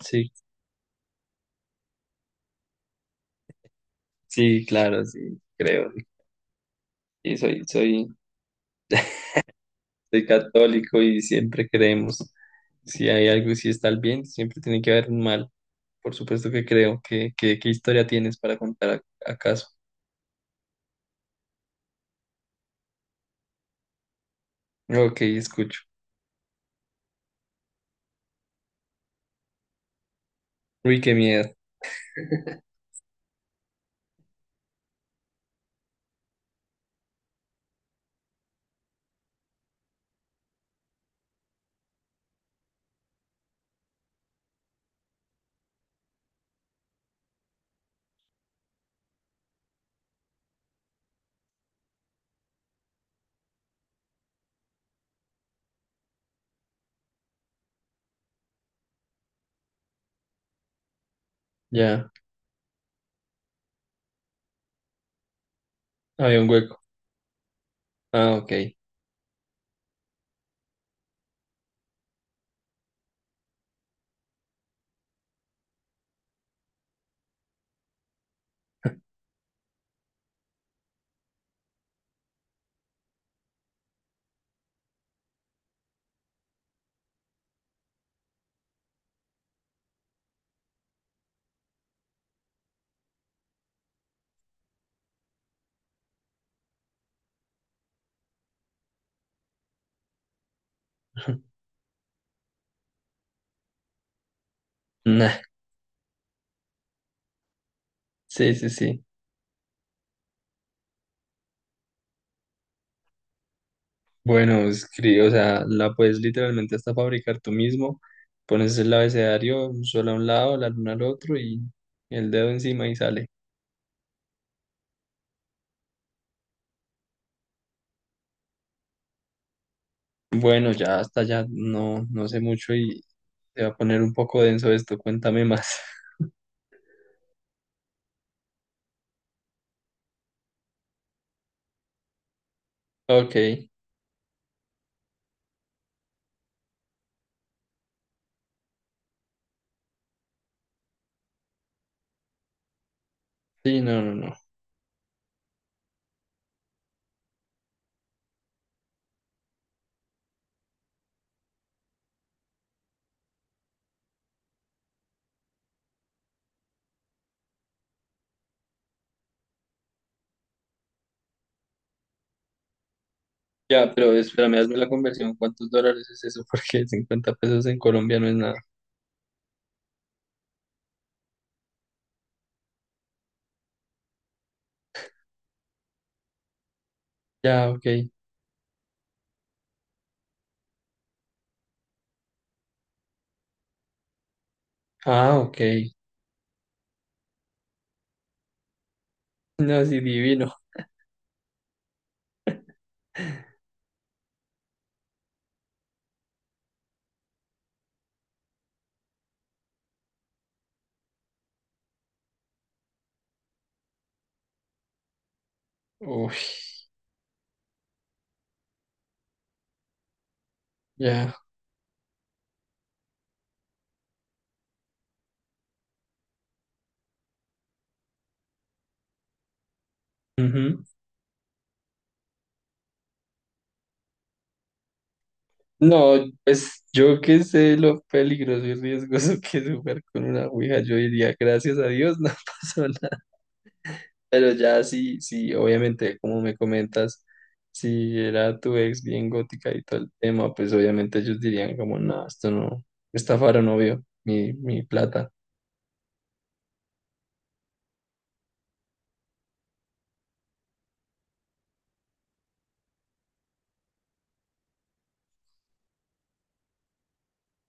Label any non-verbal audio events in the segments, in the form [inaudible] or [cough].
Sí, sí, claro, sí, creo. Y soy católico y siempre creemos. Si hay algo si está el bien, siempre tiene que haber un mal. Por supuesto que creo. ¿Qué historia tienes para contar acaso? Ok, escucho. Uy, qué miedo. Ya, había un hueco. Ah, ok. [laughs] Nah, sí, sí, sí. Bueno, escribe, o sea, la puedes literalmente hasta fabricar tú mismo. Pones el abecedario, un sol a un lado, la luna al otro y el dedo encima y sale. Bueno, ya hasta ya no sé mucho y se va a poner un poco denso esto, cuéntame más. [laughs] Ok, sí, no, no, no. Ya, pero espérame, hazme la conversión, ¿cuántos dólares es eso? [laughs] Porque 50 pesos en Colombia no es nada. Ya, ok. Ah, ok. No, sí, divino. Uy, ya. Ujú. No, pues yo que sé lo peligroso y riesgoso [laughs] que es jugar con una ouija, yo diría, gracias a Dios, no [laughs] pasó. Pero ya sí, sí, obviamente, como me comentas, si era tu ex bien gótica y todo el tema, pues obviamente ellos dirían como, no, esto no, estafaron, obvio, mi plata.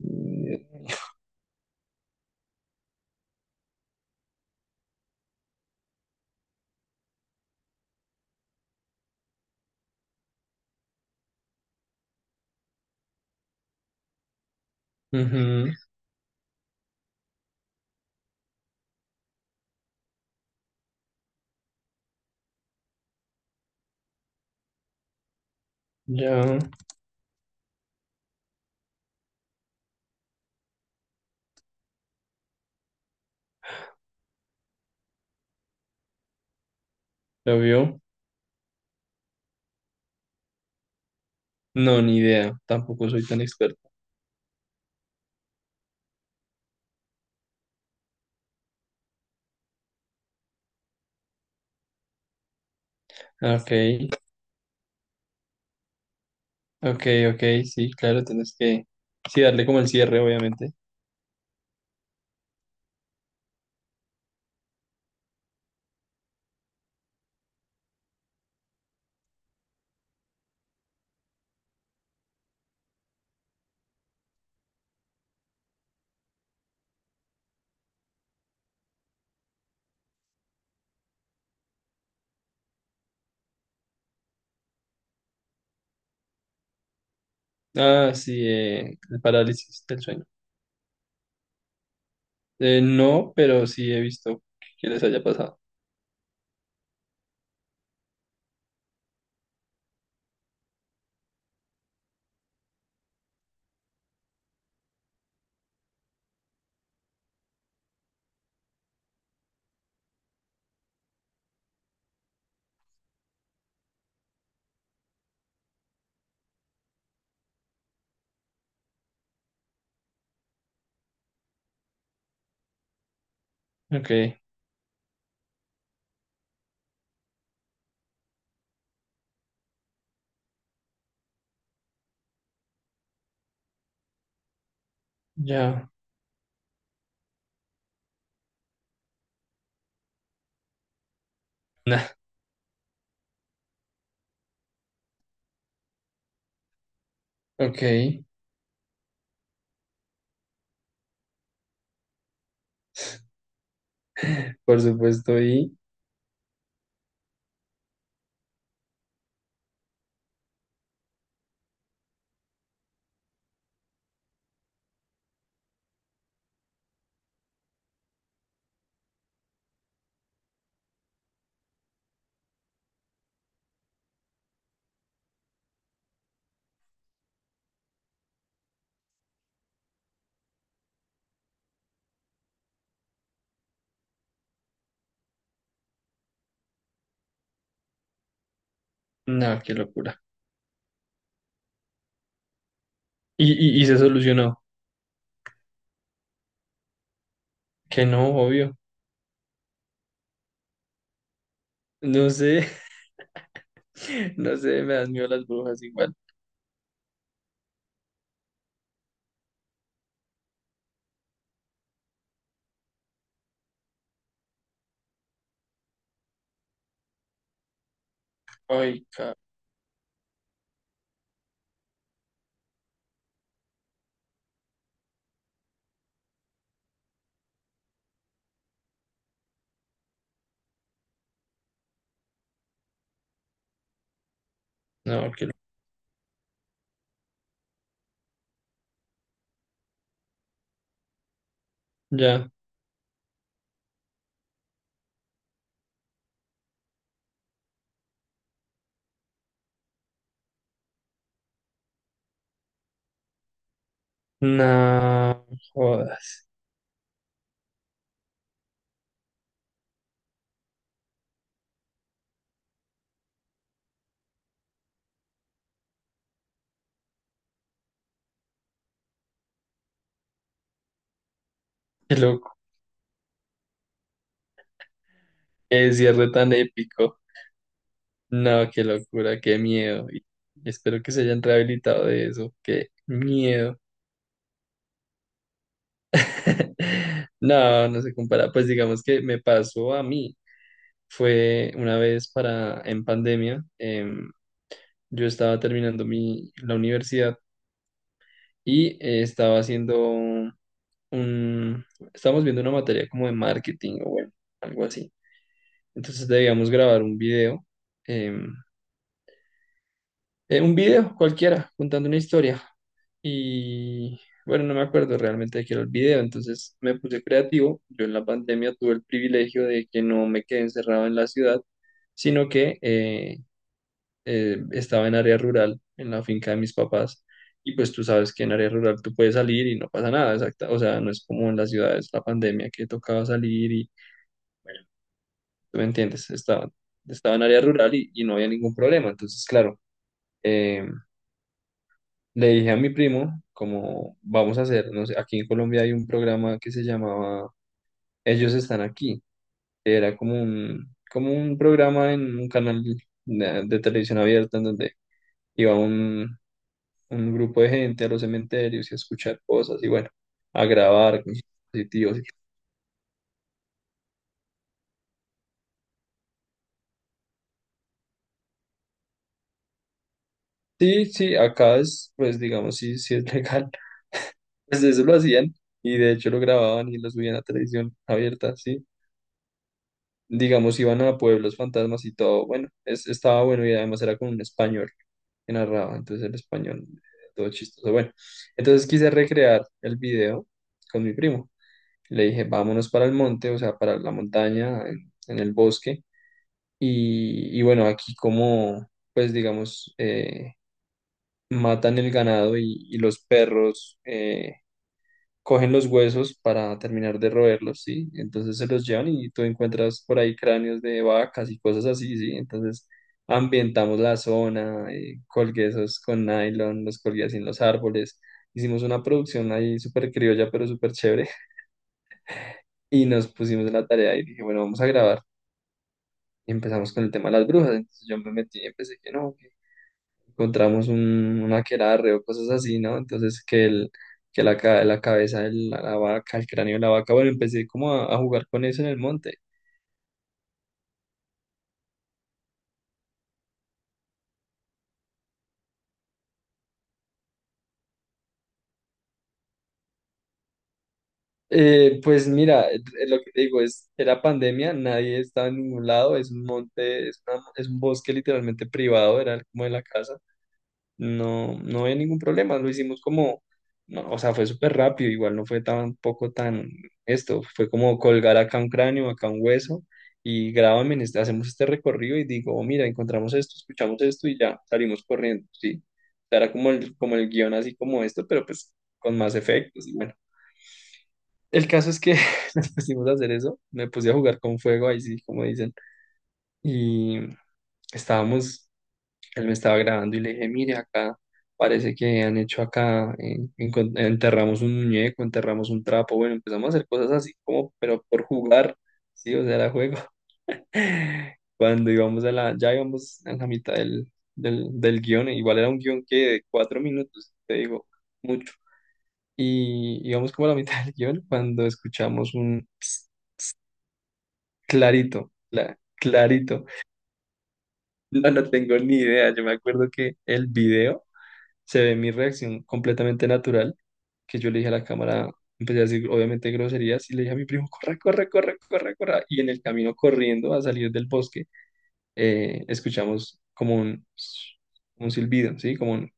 Y... ujú, ya, ¿lo vio? No, ni idea, tampoco soy tan experto. Ok, ok, ok, sí, claro, tienes que, sí, darle como el cierre, obviamente. Ah, sí, el parálisis del sueño. No, pero sí he visto que les haya pasado. Ok, ya. [laughs] Ok, [laughs] por supuesto, y no, qué locura. Y se solucionó, que no, obvio. No sé, [laughs] no sé, me dan miedo las brujas igual. Ay, no, qué loco. Ya, no, jodas, qué loco. Qué cierre tan épico. No, qué locura, qué miedo. Y espero que se hayan rehabilitado de eso, qué miedo. [laughs] No, no se compara. Pues digamos que me pasó a mí. Fue una vez para en pandemia. Yo estaba terminando la universidad y estaba haciendo un, estábamos viendo una materia como de marketing o bueno, algo así. Entonces debíamos grabar un video, em, un video cualquiera, contando una historia. Y bueno, no me acuerdo realmente de qué era el video, entonces me puse creativo. Yo en la pandemia tuve el privilegio de que no me quedé encerrado en la ciudad, sino que estaba en área rural, en la finca de mis papás, y pues tú sabes que en área rural tú puedes salir y no pasa nada, exacta, o sea, no es como en las ciudades, la pandemia que tocaba salir y, bueno, tú me entiendes, estaba en área rural y no había ningún problema, entonces, claro, eh, le dije a mi primo, como vamos a hacer, no sé, aquí en Colombia hay un programa que se llamaba Ellos están aquí, que era como un programa en un canal de televisión abierta en donde iba un grupo de gente a los cementerios y a escuchar cosas y bueno, a grabar con sus dispositivos. Sí, sí, acá es, pues digamos, sí, sí es legal. [laughs] Pues eso lo hacían y de hecho lo grababan y lo subían a televisión abierta, sí. Digamos, iban a pueblos fantasmas y todo. Bueno, es, estaba bueno y además era con un español que narraba, entonces el español, todo chistoso. Bueno, entonces quise recrear el video con mi primo. Le dije, vámonos para el monte, o sea, para la montaña, en el bosque. Y bueno, aquí como, pues digamos, matan el ganado y los perros cogen los huesos para terminar de roerlos, ¿sí? Entonces se los llevan y tú encuentras por ahí cráneos de vacas y cosas así, ¿sí? Entonces ambientamos la zona, colgué esos con nylon, los colgué así en los árboles. Hicimos una producción ahí súper criolla, pero súper chévere. [laughs] Y nos pusimos en la tarea y dije, bueno, vamos a grabar. Y empezamos con el tema de las brujas. Entonces yo me metí y empecé que no, encontramos un aquelarre o cosas así, ¿no? Entonces que el, que la la cabeza de la vaca, el cráneo de la vaca, bueno, empecé como a jugar con eso en el monte. Pues mira, lo que te digo es, era pandemia, nadie estaba en ningún lado, es un monte, es un bosque literalmente privado, era como de la casa. No, no había ningún problema, lo hicimos como, no, o sea, fue súper rápido, igual no fue tampoco tan esto, fue como colgar acá un cráneo, acá un hueso y grábame, hacemos este recorrido y digo, mira, encontramos esto, escuchamos esto y ya salimos corriendo, ¿sí? O sea, era como el guión así como esto, pero pues con más efectos y bueno. El caso es que [laughs] nos pusimos a hacer eso, me puse a jugar con fuego, ahí sí, como dicen, y estábamos él me estaba grabando y le dije, mire, acá parece que han hecho acá, enterramos un muñeco, enterramos un trapo, bueno, empezamos a hacer cosas así como, pero por jugar, sí, o sea, era juego. [laughs] Cuando íbamos a la, ya íbamos a la mitad del guión, igual era un guión que de 4 minutos, te digo, mucho. Y íbamos como a la mitad del guión cuando escuchamos un "Ps", clarito. No, no tengo ni idea, yo me acuerdo que el video se ve mi reacción completamente natural, que yo le dije a la cámara, empecé a decir obviamente groserías y le dije a mi primo, corre, corre, corre, corre, corre. Y en el camino corriendo a salir del bosque, escuchamos como un silbido, ¿sí?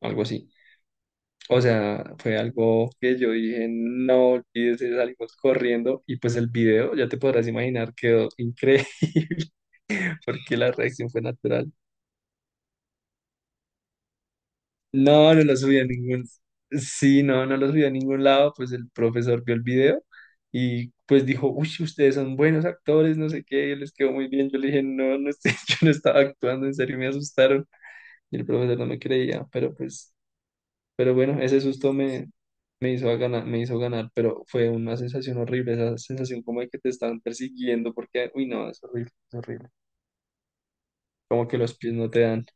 Algo así. O sea, fue algo que yo dije, no olvides, salimos corriendo y pues el video, ya te podrás imaginar, quedó increíble. [laughs] Porque la reacción fue natural. No, no lo subí a ningún. Sí, no, no lo subí a ningún lado. Pues el profesor vio el video y pues dijo, uy, ustedes son buenos actores, no sé qué, les quedó muy bien. Yo le dije, no, [laughs] yo no estaba actuando, en serio me asustaron. Y el profesor no me creía, pero pues, pero bueno, me hizo a ganar, me hizo ganar, pero fue una sensación horrible, esa sensación como de que te están persiguiendo, porque, uy, no, es horrible, es horrible. Como que los pies no te dan.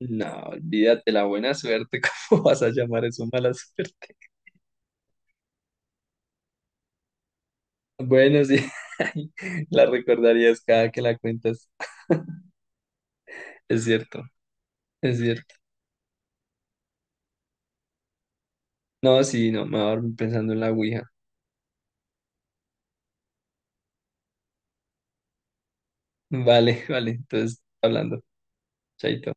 No, olvídate la buena suerte, [laughs] ¿cómo vas a llamar eso mala suerte? Bueno, sí, [laughs] la recordarías cada que la cuentas. Es cierto, es cierto. No, sí, no, me voy a dormir pensando en la Ouija. Vale, [laughs] vale, entonces, hablando. Chaito.